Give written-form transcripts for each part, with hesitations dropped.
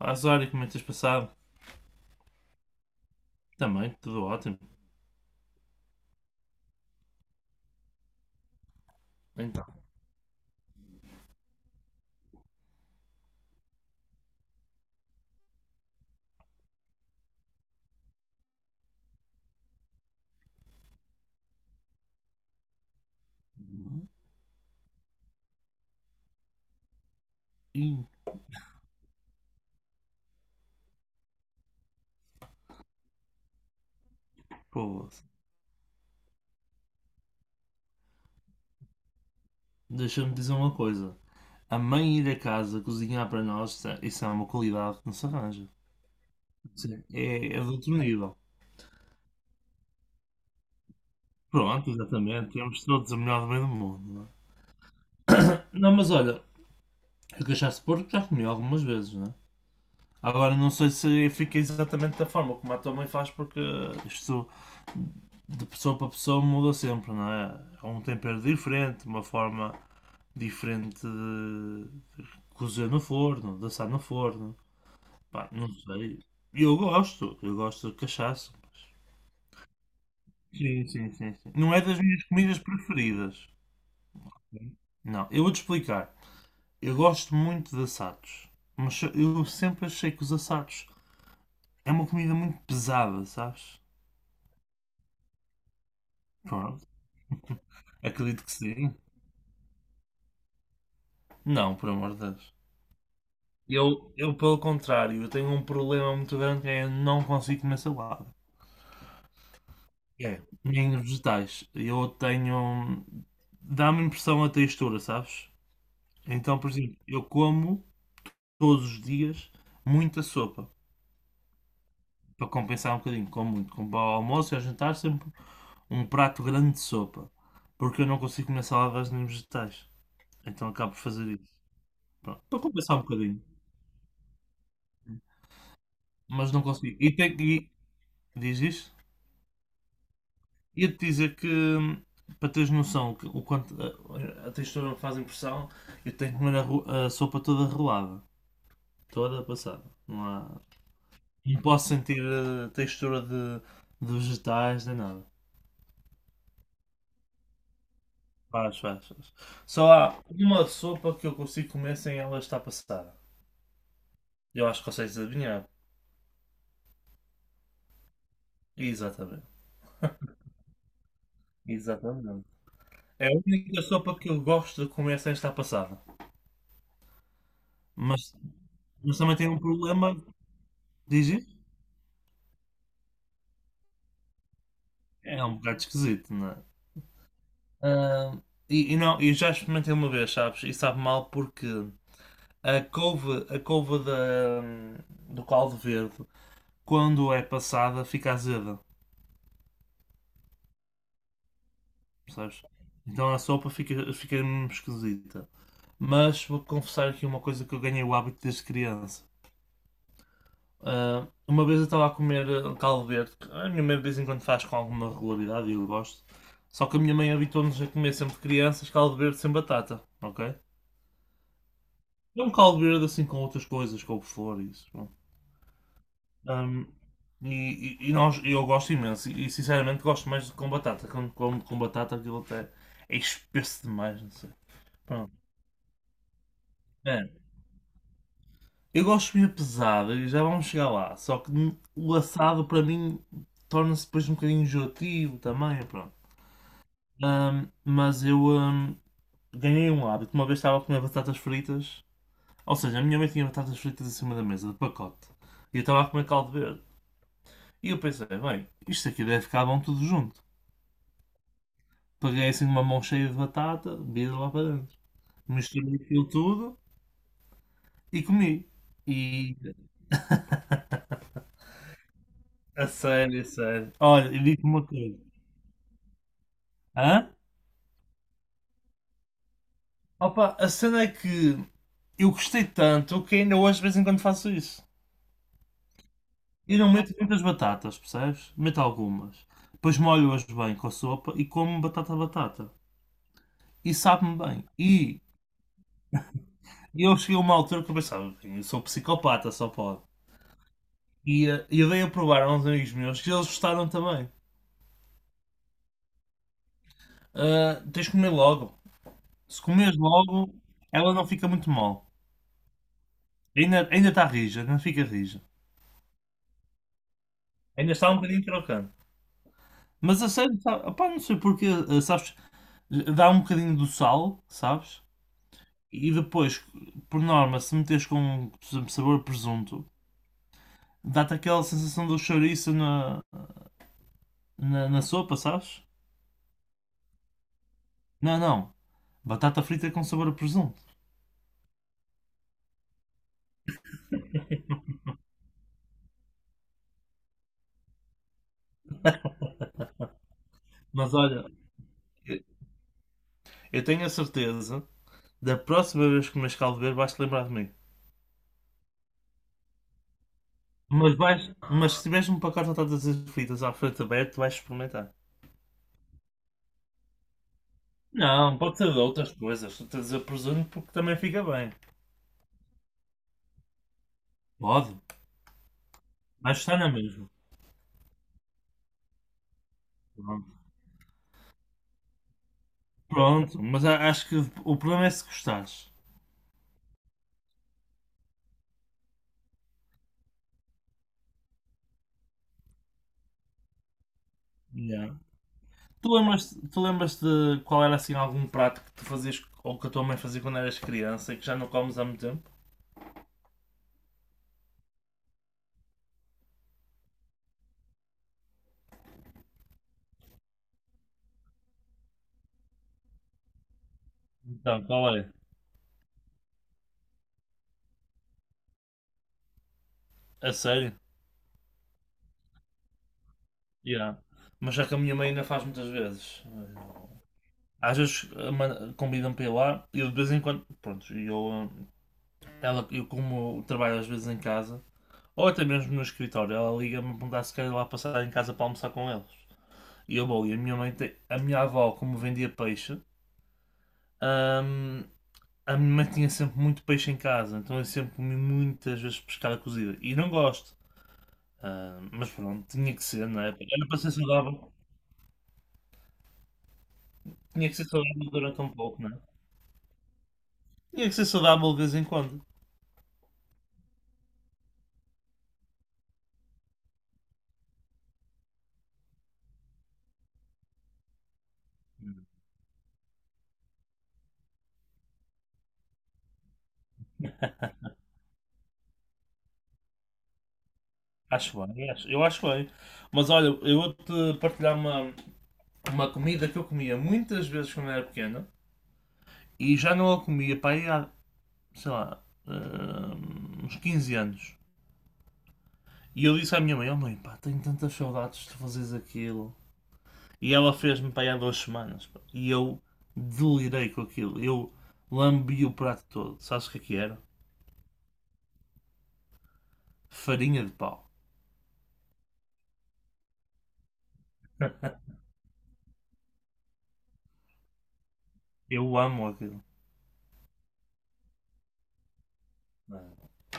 Ah, Zório, como é que tens passado? Também, tudo ótimo. Então, ih, pô, deixa-me dizer uma coisa. A mãe ir a casa cozinhar para nós, isso é uma qualidade que não se arranja. Sim. É de outro nível. Pronto, exatamente. Temos todos a melhor do meio do mundo, não é? Não, mas olha, eu cachaça de porco já comi algumas vezes, não é? Agora não sei se fica exatamente da forma como a tua mãe faz, porque isto de pessoa para pessoa muda sempre, não é? É um tempero diferente, uma forma diferente de cozer no forno, de assar no forno. Pá, não sei. Eu gosto de cachaça. Sim, sim, sim, sim. Não é das minhas comidas preferidas. Não, eu vou-te explicar. Eu gosto muito de assados, mas eu sempre achei que os assados é uma comida muito pesada, sabes? Pronto, acredito que sim. Não, por amor de Deus. Eu, pelo contrário, eu tenho um problema muito grande que é eu não consigo comer salada. É. Nem vegetais. Eu tenho. Dá-me impressão a textura, sabes? Então, por exemplo, eu como todos os dias muita sopa para compensar um bocadinho. Como muito, como ao almoço e ao jantar, sempre um prato grande de sopa porque eu não consigo comer saladas nem vegetais, então acabo por fazer isso. Pronto, para compensar um bocadinho, mas não consigo. E, diz isto? Ia-te dizer que para teres noção o o quanto a textura me faz impressão, eu tenho que comer a sopa toda rolada, toda passada. Não posso sentir textura de vegetais nem nada. Faz, faz, faz. Só há uma sopa que eu consigo comer sem ela estar passada. Eu acho que consegues adivinhar. Exatamente. Exatamente. É a única sopa que eu gosto de comer sem estar passada. Mas, mas também tem um problema, diz isso? É um bocado esquisito, não é? Ah, e não, eu já experimentei uma vez, sabes? E sabe mal porque a couve do caldo verde quando é passada, fica azeda, percebes? Então a sopa fica mesmo esquisita. Mas vou confessar aqui uma coisa que eu ganhei o hábito desde criança. Ah, uma vez eu estava a comer caldo verde, que a minha mãe de vez em quando faz com alguma regularidade e eu gosto. Só que a minha mãe habituou-nos a comer sempre de crianças caldo verde sem batata, ok? É um caldo verde assim com outras coisas, couve-flor e isso. Ahm, e, e eu gosto imenso. E sinceramente gosto mais de com batata. Quando como com batata aquilo até é espesso demais, não sei. Pronto. É, eu gosto de comida pesada e já vamos chegar lá. Só que o assado para mim torna-se depois um bocadinho enjoativo também, é pronto. Mas eu ganhei um hábito. Uma vez estava a comer batatas fritas. Ou seja, a minha mãe tinha batatas fritas em cima da mesa, de pacote. E eu estava a comer caldo verde. E eu pensei, bem, isto aqui deve ficar bom tudo junto. Peguei assim uma mão cheia de batata, vi lá para dentro. Misturei aquilo tudo e comi. E a sério, a sério. Olha, e digo-te uma coisa. Hã? Opa, a cena é que eu gostei tanto que ainda hoje de vez em quando faço isso. Eu não meto muitas batatas, percebes? Meto algumas. Depois molho-as bem com a sopa e como batata a batata. E sabe-me bem. E eu cheguei a uma altura que eu pensava, eu sou psicopata, só pode. E eu dei a provar a uns amigos meus que eles gostaram também. Ah, tens de comer logo. Se comeres logo, ela não fica muito mal. Ainda está rija, não fica rija. Ainda está um bocadinho trocando. Mas a sério, sabe, opá, não sei porquê sabes, dá um bocadinho do sal, sabes? E depois, por norma, se meteres com, por exemplo, sabor a presunto, dá-te aquela sensação do chouriço na sopa, sabes? Não, não. Batata frita com sabor a presunto. Mas olha, eu eu tenho a certeza, da próxima vez que comeres caldo verde, vais-te lembrar de mim. Mas se tiveres um pacote de todas as fitas à frente aberta, vais experimentar. Não, pode ser de outras coisas. Estou a dizer presunto porque também fica bem. Pode, mas está na mesma. Pronto, pronto, mas acho que o problema é se gostares. Yeah. Tu lembras de qual era assim algum prato que tu fazias ou que a tua mãe fazia quando eras criança e que já não comes há muito tempo? Então, qual é? A sério? Yeah. Mas já que a minha mãe ainda faz muitas vezes. Às vezes convidam-me para ir lá e eu de vez em quando, pronto, eu como trabalho às vezes em casa, ou até mesmo no escritório, ela liga-me a perguntar se quer ir lá passar em casa para almoçar com eles. E eu vou, e a minha avó, como vendia peixe, ahm, a minha mãe tinha sempre muito peixe em casa, então eu sempre comi muitas vezes pescada cozida. E não gosto. Mas pronto, tinha que ser, não é? Era para ser saudável. Tinha que ser saudável durante um pouco, não é? Tinha que ser saudável de vez em quando. Acho bem, eu acho bem. Mas olha, eu vou-te partilhar uma comida que eu comia muitas vezes quando era pequena e já não a comia para aí há, sei lá, uns 15 anos. E eu disse à minha mãe: Oh mãe, pá, tenho tantas saudades de fazeres aquilo. E ela fez-me para aí há 2 semanas, pá. E eu delirei com aquilo. Eu lambi o prato todo. Sabes o que é que era? Farinha de pau. Eu amo aquilo.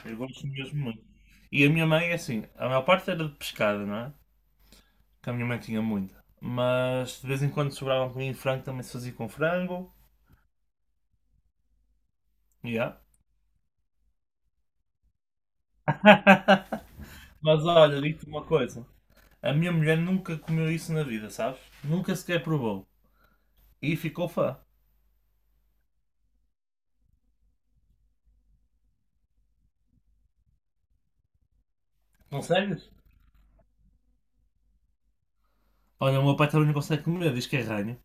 Eu gosto mesmo muito. E a minha mãe é assim, a maior parte era de pescada, não é? Que a minha mãe tinha muita. Mas de vez em quando sobrava comigo frango, também se fazia com frango. Yeah. Mas olha, digo-te uma coisa. A minha mulher nunca comeu isso na vida, sabes? Nunca sequer provou. E ficou fã. Consegues? Olha, o meu pai também não consegue comer, diz que é ranho.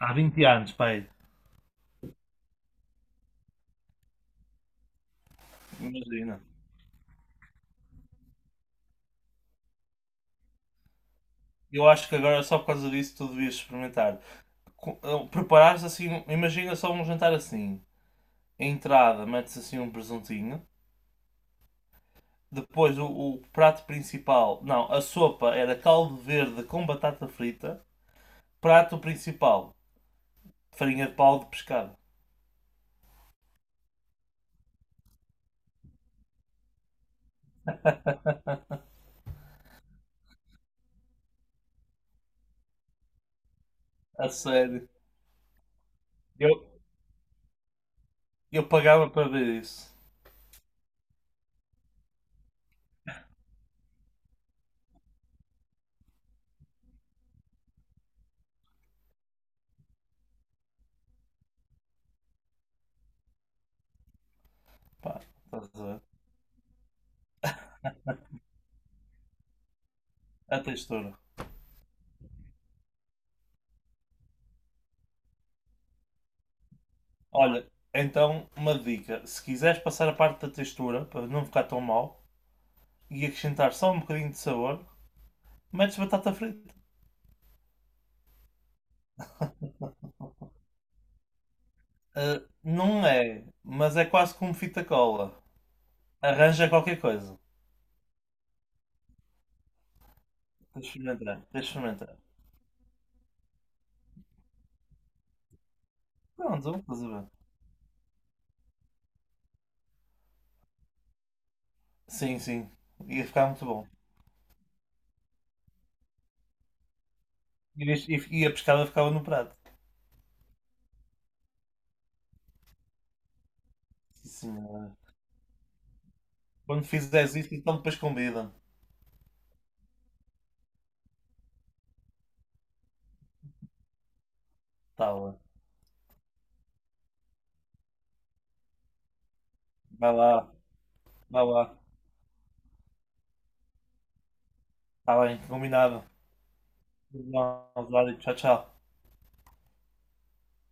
Há 20 anos, pai. Imagina. Eu acho que agora só por causa disso tu devias experimentar. Preparar assim, imagina só um jantar assim. A entrada, metes assim um presuntinho. Depois o prato principal. Não, a sopa era caldo verde com batata frita. Prato principal, farinha de pau de pescado. A sério. Eu, eu pagava para ver isso. Pá, estás a ver? A textura. Olha, então uma dica. Se quiseres passar a parte da textura, para não ficar tão mal, e acrescentar só um bocadinho de sabor, metes batata frita. Ah, não é, mas é quase como fita cola. Arranja qualquer coisa. Deixa eu experimentar. Deixa eu experimentar. Pronto, estás a ver? Sim, sim. Ia ficar muito bom. E, a pescada ficava no prato. Sim, senhora. Quando fizeres isso, então depois convida-me. Tá bem. Vai lá, vai lá. Tá bem, combinado. Tchau, tchau.